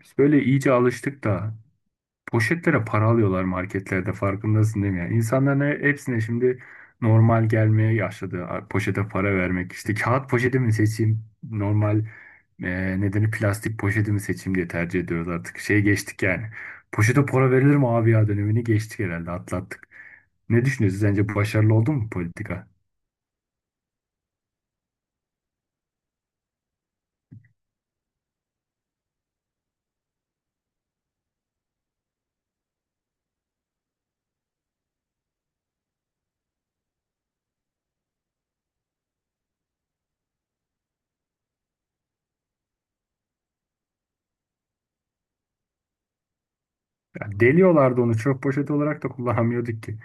Biz böyle iyice alıştık da poşetlere para alıyorlar marketlerde, farkındasın değil mi? Yani insanların hepsine şimdi normal gelmeye başladı. Poşete para vermek, işte kağıt poşeti mi seçeyim normal nedeni, plastik poşeti mi seçeyim diye tercih ediyoruz artık. Şey geçtik yani. Poşete para verilir mi abi ya dönemini geçtik herhalde, atlattık. Ne düşünüyorsunuz? Sence başarılı oldu mu politika? Ya deliyorlardı onu. Çöp poşeti olarak da kullanamıyorduk ki.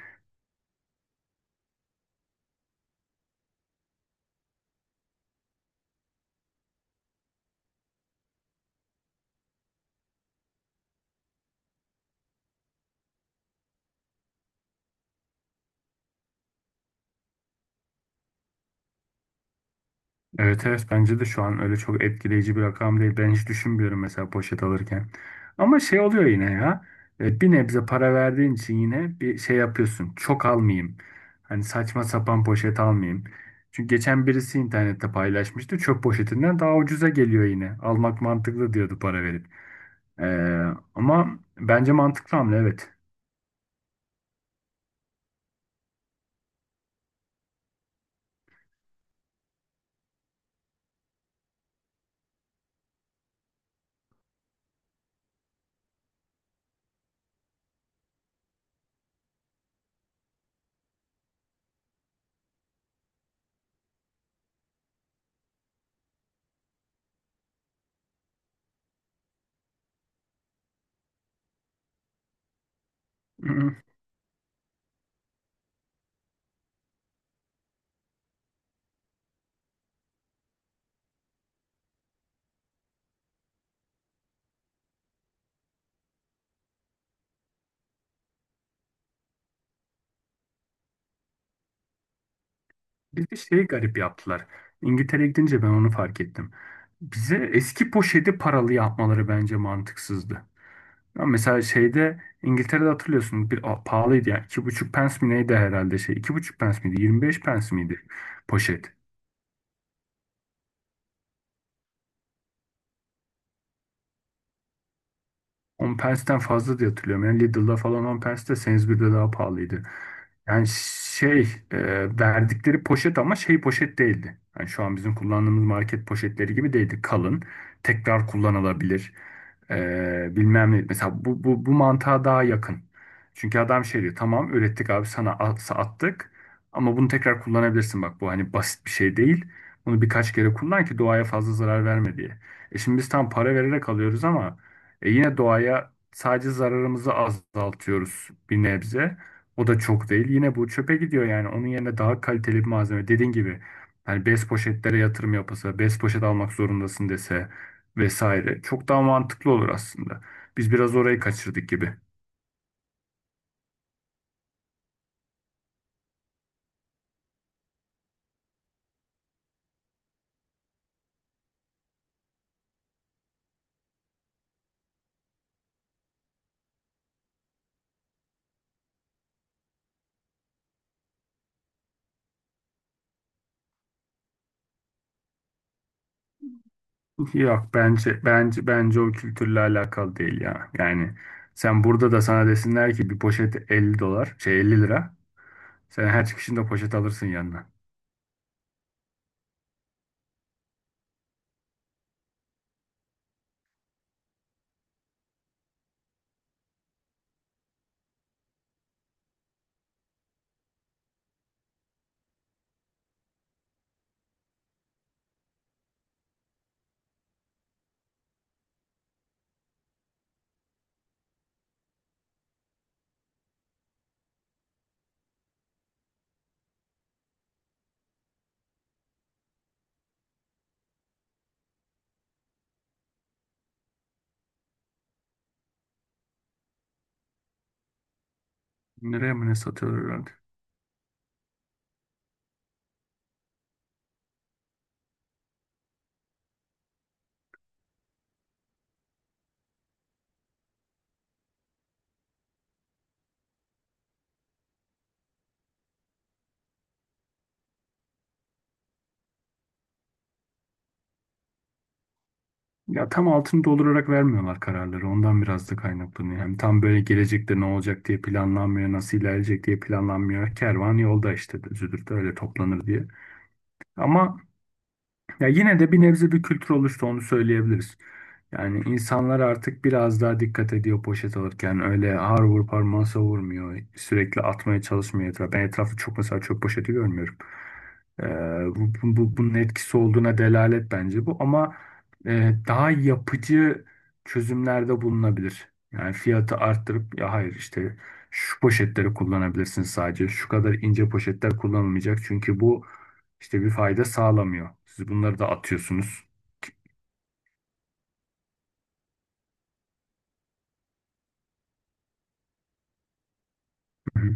Evet evet, bence de şu an öyle çok etkileyici bir rakam değil. Ben hiç düşünmüyorum mesela poşet alırken. Ama şey oluyor yine ya. Bir nebze para verdiğin için yine bir şey yapıyorsun. Çok almayayım. Hani saçma sapan poşet almayayım. Çünkü geçen birisi internette paylaşmıştı. Çöp poşetinden daha ucuza geliyor yine. Almak mantıklı diyordu para verip. Ee, ama bence mantıklı hamle, evet. Hmm, bir de şeyi garip yaptılar. İngiltere'ye gidince ben onu fark ettim. Bize eski poşeti paralı yapmaları bence mantıksızdı. Ama mesela şeyde, İngiltere'de hatırlıyorsun bir pahalıydı ya. İki buçuk pence mi neydi herhalde şey. İki buçuk pence miydi? 25 pence miydi poşet? 10 pence'ten fazla diye hatırlıyorum. Yani Lidl'da falan 10 pence, de Sainsbury'de daha pahalıydı. Yani şey e, verdikleri poşet ama şey poşet değildi. Yani şu an bizim kullandığımız market poşetleri gibi değildi. Kalın, tekrar kullanılabilir. E, bilmem ne. Mesela bu mantığa daha yakın. Çünkü adam şey diyor, tamam ürettik abi sana attık, ama bunu tekrar kullanabilirsin, bak bu hani basit bir şey değil. Bunu birkaç kere kullan ki doğaya fazla zarar verme diye. E şimdi biz tam para vererek alıyoruz ama e yine doğaya sadece zararımızı azaltıyoruz bir nebze. O da çok değil. Yine bu çöpe gidiyor yani. Onun yerine daha kaliteli bir malzeme. Dediğin gibi hani bez poşetlere yatırım yapılsa, bez poşet almak zorundasın dese vesaire. Çok daha mantıklı olur aslında. Biz biraz orayı kaçırdık gibi. Yok bence, bence o kültürle alakalı değil ya. Yani sen burada da sana desinler ki bir poşet 50 dolar, şey 50 lira. Sen her çıkışında poşet alırsın yanına. Nereye mı ne satıyorlar herhalde? Ya tam altını doldurarak vermiyorlar kararları. Ondan biraz da kaynaklanıyor. Hem tam böyle gelecekte ne olacak diye planlanmıyor, nasıl ilerleyecek diye planlanmıyor. Kervan yolda işte züdürtü öyle toplanır diye. Ama ya yine de bir nebze bir kültür oluştu, onu söyleyebiliriz. Yani insanlar artık biraz daha dikkat ediyor poşet alırken. Öyle ağır vur parmağı savurmuyor. Sürekli atmaya çalışmıyor etrafa. Ben etrafı çok mesela çöp poşeti görmüyorum. Ee, bunun etkisi olduğuna delalet bence bu. Ama daha yapıcı çözümlerde bulunabilir. Yani fiyatı arttırıp, ya hayır işte şu poşetleri kullanabilirsiniz sadece. Şu kadar ince poşetler kullanılmayacak. Çünkü bu işte bir fayda sağlamıyor. Siz bunları da atıyorsunuz. Hı hı.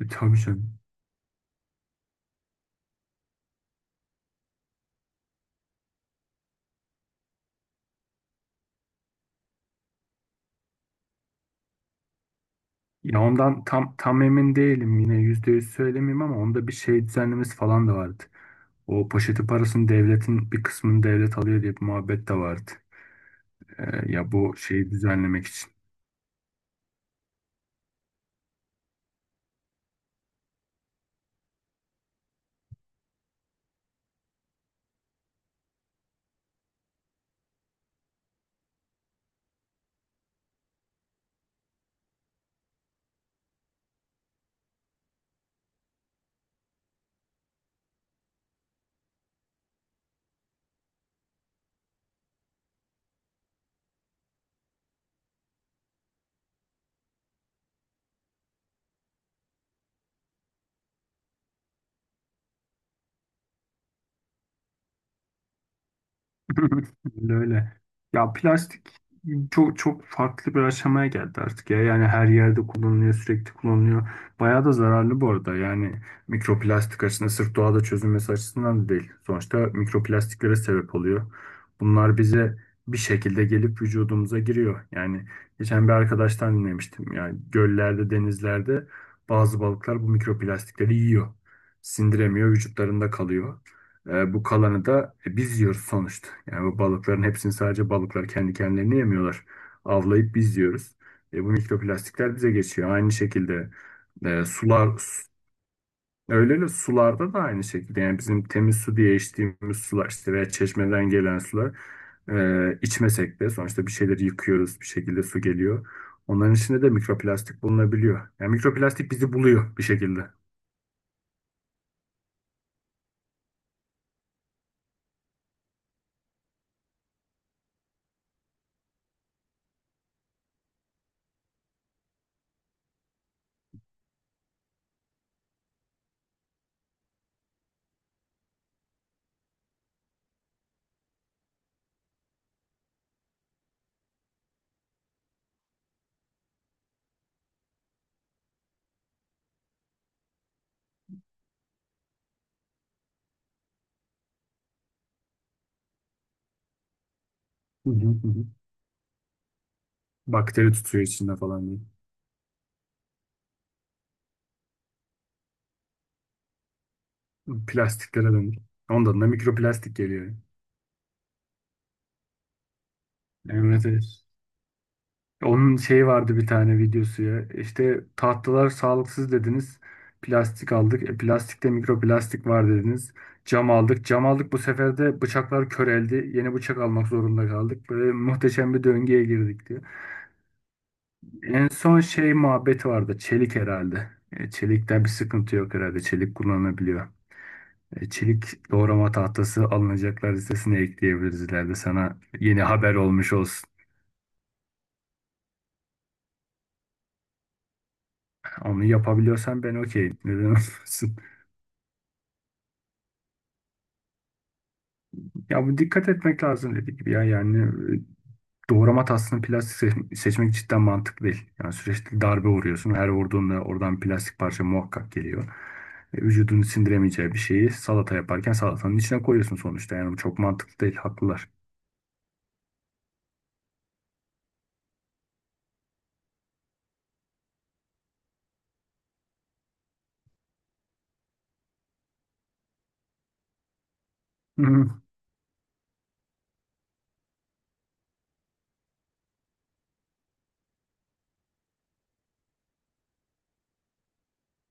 E, tabii canım. Ya ondan tam emin değilim, yine yüzde yüz söylemeyeyim ama onda bir şey düzenlemesi falan da vardı. O poşeti parasını devletin bir kısmını devlet alıyor diye bir muhabbet de vardı. E, ya bu şeyi düzenlemek için. Öyle öyle. Ya plastik çok çok farklı bir aşamaya geldi artık ya. Yani her yerde kullanılıyor, sürekli kullanılıyor. Bayağı da zararlı bu arada. Yani mikroplastik açısından, sırf doğada çözülmesi açısından da değil. Sonuçta mikroplastiklere sebep oluyor. Bunlar bize bir şekilde gelip vücudumuza giriyor. Yani geçen bir arkadaştan dinlemiştim. Yani göllerde, denizlerde bazı balıklar bu mikroplastikleri yiyor. Sindiremiyor, vücutlarında kalıyor. E, bu kalanı da biz yiyoruz sonuçta. Yani bu balıkların hepsini sadece balıklar kendi kendilerini yemiyorlar. Avlayıp biz yiyoruz. E, bu mikroplastikler bize geçiyor. Aynı şekilde e, sular su- öyle öyle, sularda da aynı şekilde. Yani bizim temiz su diye içtiğimiz sular işte, veya çeşmeden gelen sular, içmesek de sonuçta bir şeyleri yıkıyoruz. Bir şekilde su geliyor. Onların içinde de mikroplastik bulunabiliyor. Yani mikroplastik bizi buluyor bir şekilde. Hı hı hı. Bakteri tutuyor içinde falan. Plastiklere dönür. Ondan da mikroplastik geliyor. Evet, evet. Onun şeyi vardı bir tane videosu ya. İşte tahtalar sağlıksız dediniz. Plastik aldık. E, plastikte mikroplastik var dediniz. Cam aldık. Cam aldık, bu sefer de bıçaklar köreldi. Yeni bıçak almak zorunda kaldık. Böyle muhteşem bir döngüye girdik diyor. En son şey muhabbeti vardı. Çelik herhalde. E, çelikten bir sıkıntı yok herhalde. Çelik kullanılabiliyor. E, çelik doğrama tahtası, alınacaklar listesine ekleyebiliriz ileride, sana yeni haber olmuş olsun. Onu yapabiliyorsan ben okeyim. Neden olmasın? Ya bu dikkat etmek lazım dediğim gibi ya, yani doğrama tahtasını plastik seçmek cidden mantıklı değil. Yani sürekli darbe vuruyorsun. Her vurduğunda oradan plastik parça muhakkak geliyor. E, vücudun sindiremeyeceği bir şeyi salata yaparken salatanın içine koyuyorsun sonuçta. Yani bu çok mantıklı değil, haklılar.